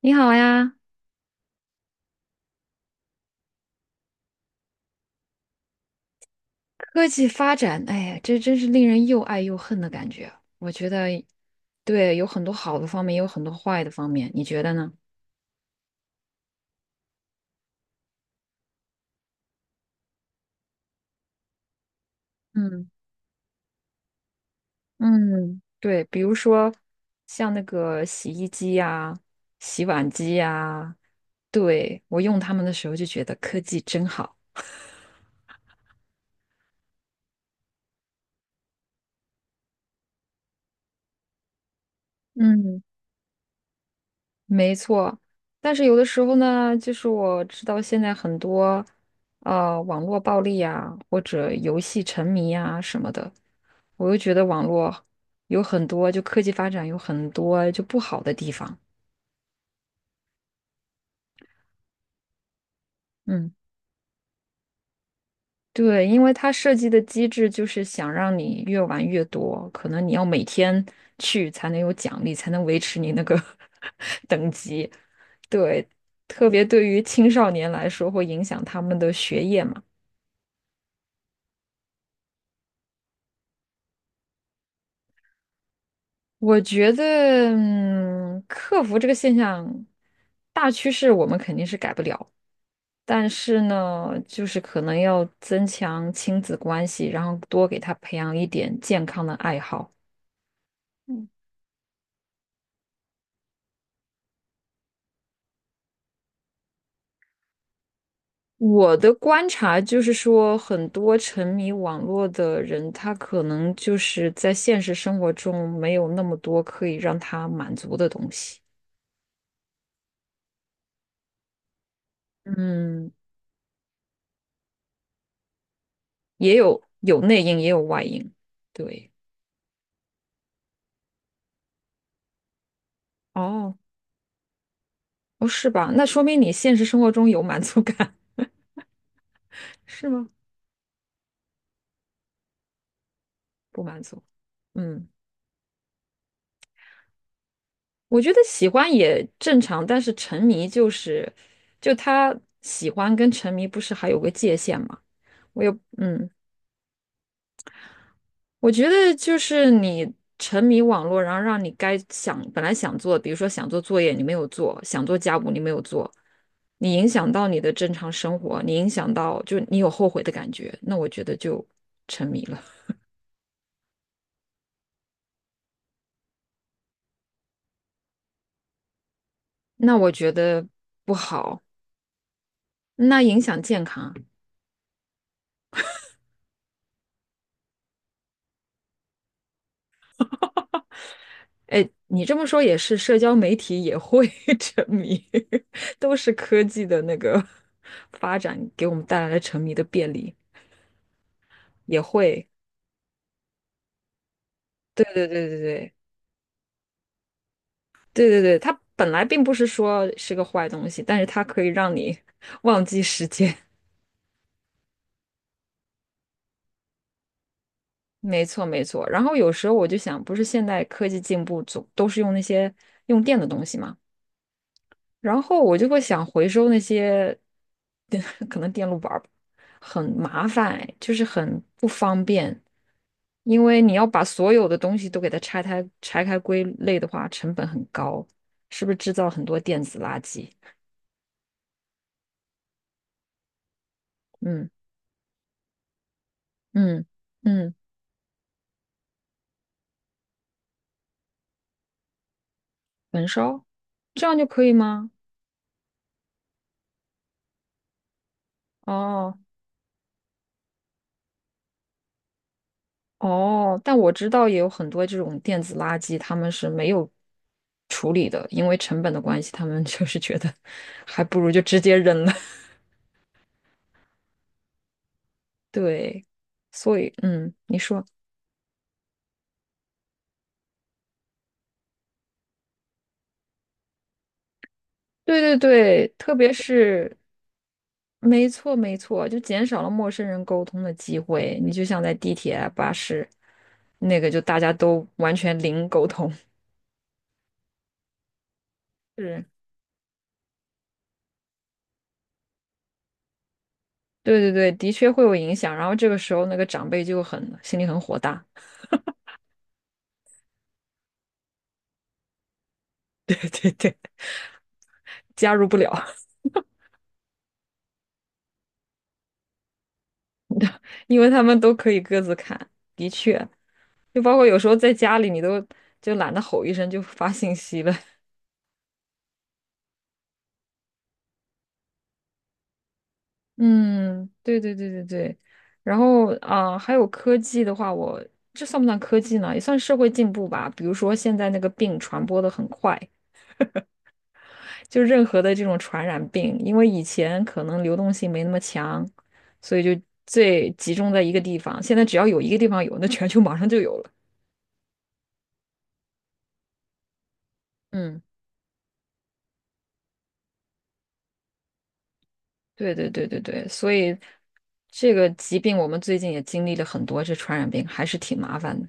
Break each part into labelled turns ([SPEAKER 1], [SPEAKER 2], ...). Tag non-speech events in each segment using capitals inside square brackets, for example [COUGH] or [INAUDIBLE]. [SPEAKER 1] 你好呀。科技发展，哎呀，这真是令人又爱又恨的感觉。我觉得，对，有很多好的方面，也有很多坏的方面，你觉得呢？嗯嗯，对，比如说像那个洗衣机呀、洗碗机呀，对，我用它们的时候就觉得科技真好。嗯。没错，但是有的时候呢，就是我知道现在很多网络暴力啊，或者游戏沉迷啊什么的，我又觉得网络有很多，就科技发展有很多就不好的地方。嗯，对，因为它设计的机制就是想让你越玩越多，可能你要每天去才能有奖励，才能维持你那个 [LAUGHS] 等级。对，特别对于青少年来说，会影响他们的学业嘛。我觉得，嗯，克服这个现象，大趋势我们肯定是改不了，但是呢，就是可能要增强亲子关系，然后多给他培养一点健康的爱好。嗯。我的观察就是说，很多沉迷网络的人，他可能就是在现实生活中没有那么多可以让他满足的东西。嗯，也有内因，也有外因。对，哦，哦，是吧？那说明你现实生活中有满足感。[LAUGHS] 是吗？不满足。嗯，我觉得喜欢也正常，但是沉迷就是，就他喜欢跟沉迷不是还有个界限吗？我有，嗯，我觉得就是你沉迷网络，然后让你该想本来想做，比如说想做作业你没有做，想做家务你没有做，你影响到你的正常生活，你影响到就你有后悔的感觉，那我觉得就沉迷了。[LAUGHS] 那我觉得不好。那影响健康。哎，你这么说也是，社交媒体也会 [LAUGHS] 沉迷，[LAUGHS] 都是科技的那个 [LAUGHS] 发展给我们带来了沉迷的便利，也会。对对对对对对对对，它本来并不是说是个坏东西，但是它可以让你 [LAUGHS] 忘记时间。没错没错。然后有时候我就想，不是现代科技进步总都是用那些用电的东西嘛？然后我就会想回收那些，[LAUGHS] 可能电路板儿吧很麻烦，就是很不方便，因为你要把所有的东西都给它拆开归类的话，成本很高，是不是制造很多电子垃圾？嗯嗯嗯。焚烧，这样就可以吗？哦哦，但我知道也有很多这种电子垃圾，他们是没有处理的，因为成本的关系，他们 [LAUGHS] 就是觉得还不如就直接扔了。对，所以嗯，你说对对对，特别是没错没错，就减少了陌生人沟通的机会。你就像在地铁啊巴士，那个就大家都完全零沟通。是，对对对，的确会有影响。然后这个时候，那个长辈就很心里很火大。[LAUGHS] 对对对，加入不了。[LAUGHS] 因为他们都可以各自看。的确，就包括有时候在家里，你都就懒得吼一声就发信息了。嗯，对对对对对，然后啊、还有科技的话，我这算不算科技呢？也算社会进步吧。比如说现在那个病传播的很快，就任何的这种传染病，因为以前可能流动性没那么强，所以就最集中在一个地方。现在只要有一个地方有，那全球马上就有了。嗯，对对对对对，所以这个疾病我们最近也经历了很多，这传染病还是挺麻烦的。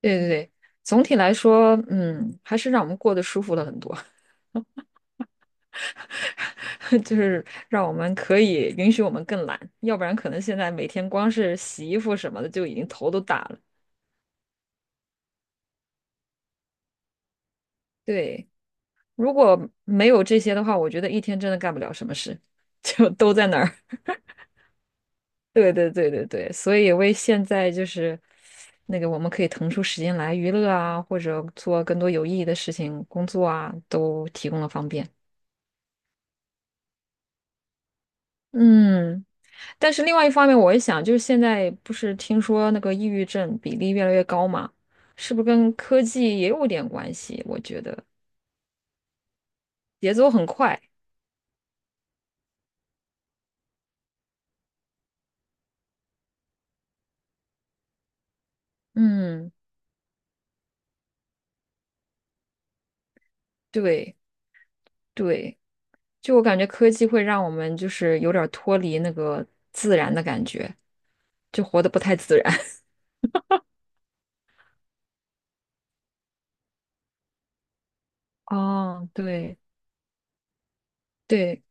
[SPEAKER 1] 对对对，总体来说，嗯，还是让我们过得舒服了很多。[LAUGHS] 就是让我们可以允许我们更懒，要不然可能现在每天光是洗衣服什么的就已经头都大了。对，如果没有这些的话，我觉得一天真的干不了什么事。[LAUGHS] 就都在那儿。对对对对对，所以为现在就是那个我们可以腾出时间来娱乐啊，或者做更多有意义的事情、工作啊，都提供了方便。嗯。但是另外一方面，我一想，就是现在不是听说那个抑郁症比例越来越高嘛，是不是跟科技也有点关系？我觉得节奏很快，嗯，对对，就我感觉科技会让我们就是有点儿脱离那个自然的感觉，就活得不太自然。[LAUGHS] 哦，对对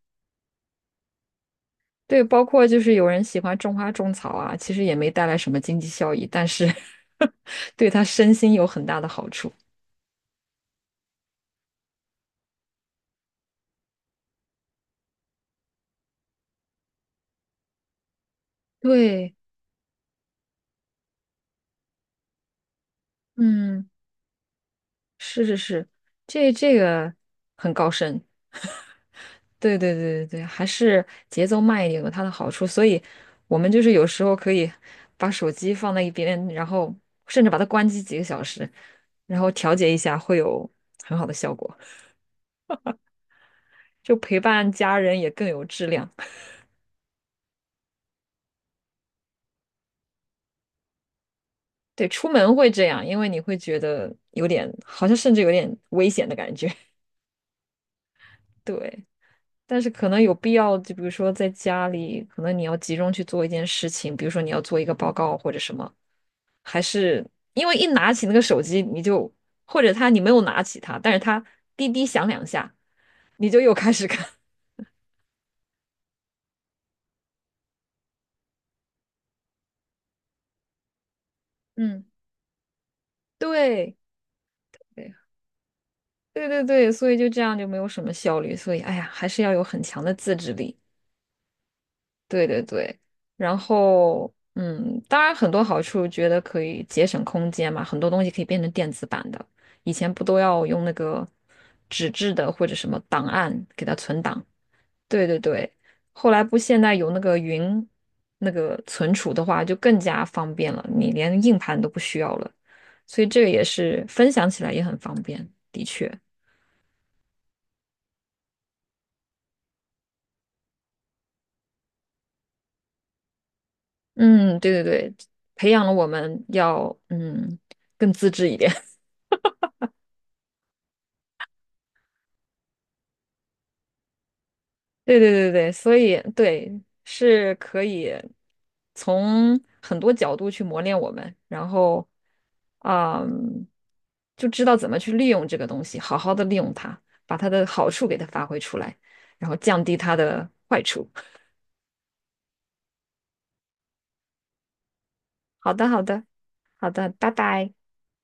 [SPEAKER 1] 对，包括就是有人喜欢种花种草啊，其实也没带来什么经济效益，但是 [LAUGHS] 对他身心有很大的好处。对，嗯。是是是，这这个很高深，对对对对对，还是节奏慢一点有它的好处，所以我们就是有时候可以把手机放在一边，然后甚至把它关机几个小时，然后调节一下，会有很好的效果，就陪伴家人也更有质量。对，出门会这样，因为你会觉得有点，好像甚至有点危险的感觉。[LAUGHS] 对，但是可能有必要，就比如说在家里，可能你要集中去做一件事情，比如说你要做一个报告或者什么，还是因为一拿起那个手机，你就或者他你没有拿起它，但是他滴滴响两下，你就又开始看。[LAUGHS] 嗯，对，对对对对，所以就这样就没有什么效率，所以哎呀，还是要有很强的自制力。对对对，然后嗯，当然很多好处，觉得可以节省空间嘛，很多东西可以变成电子版的，以前不都要用那个纸质的或者什么档案给它存档？对对对，后来不现在有那个云那个存储的话，就更加方便了，你连硬盘都不需要了，所以这个也是分享起来也很方便，的确，嗯，对对对，培养了我们要嗯更自制一点。对对对对，所以对是可以从很多角度去磨练我们，然后，嗯，就知道怎么去利用这个东西，好好的利用它，把它的好处给它发挥出来，然后降低它的坏处。[LAUGHS] 好的，好的，好的，拜拜。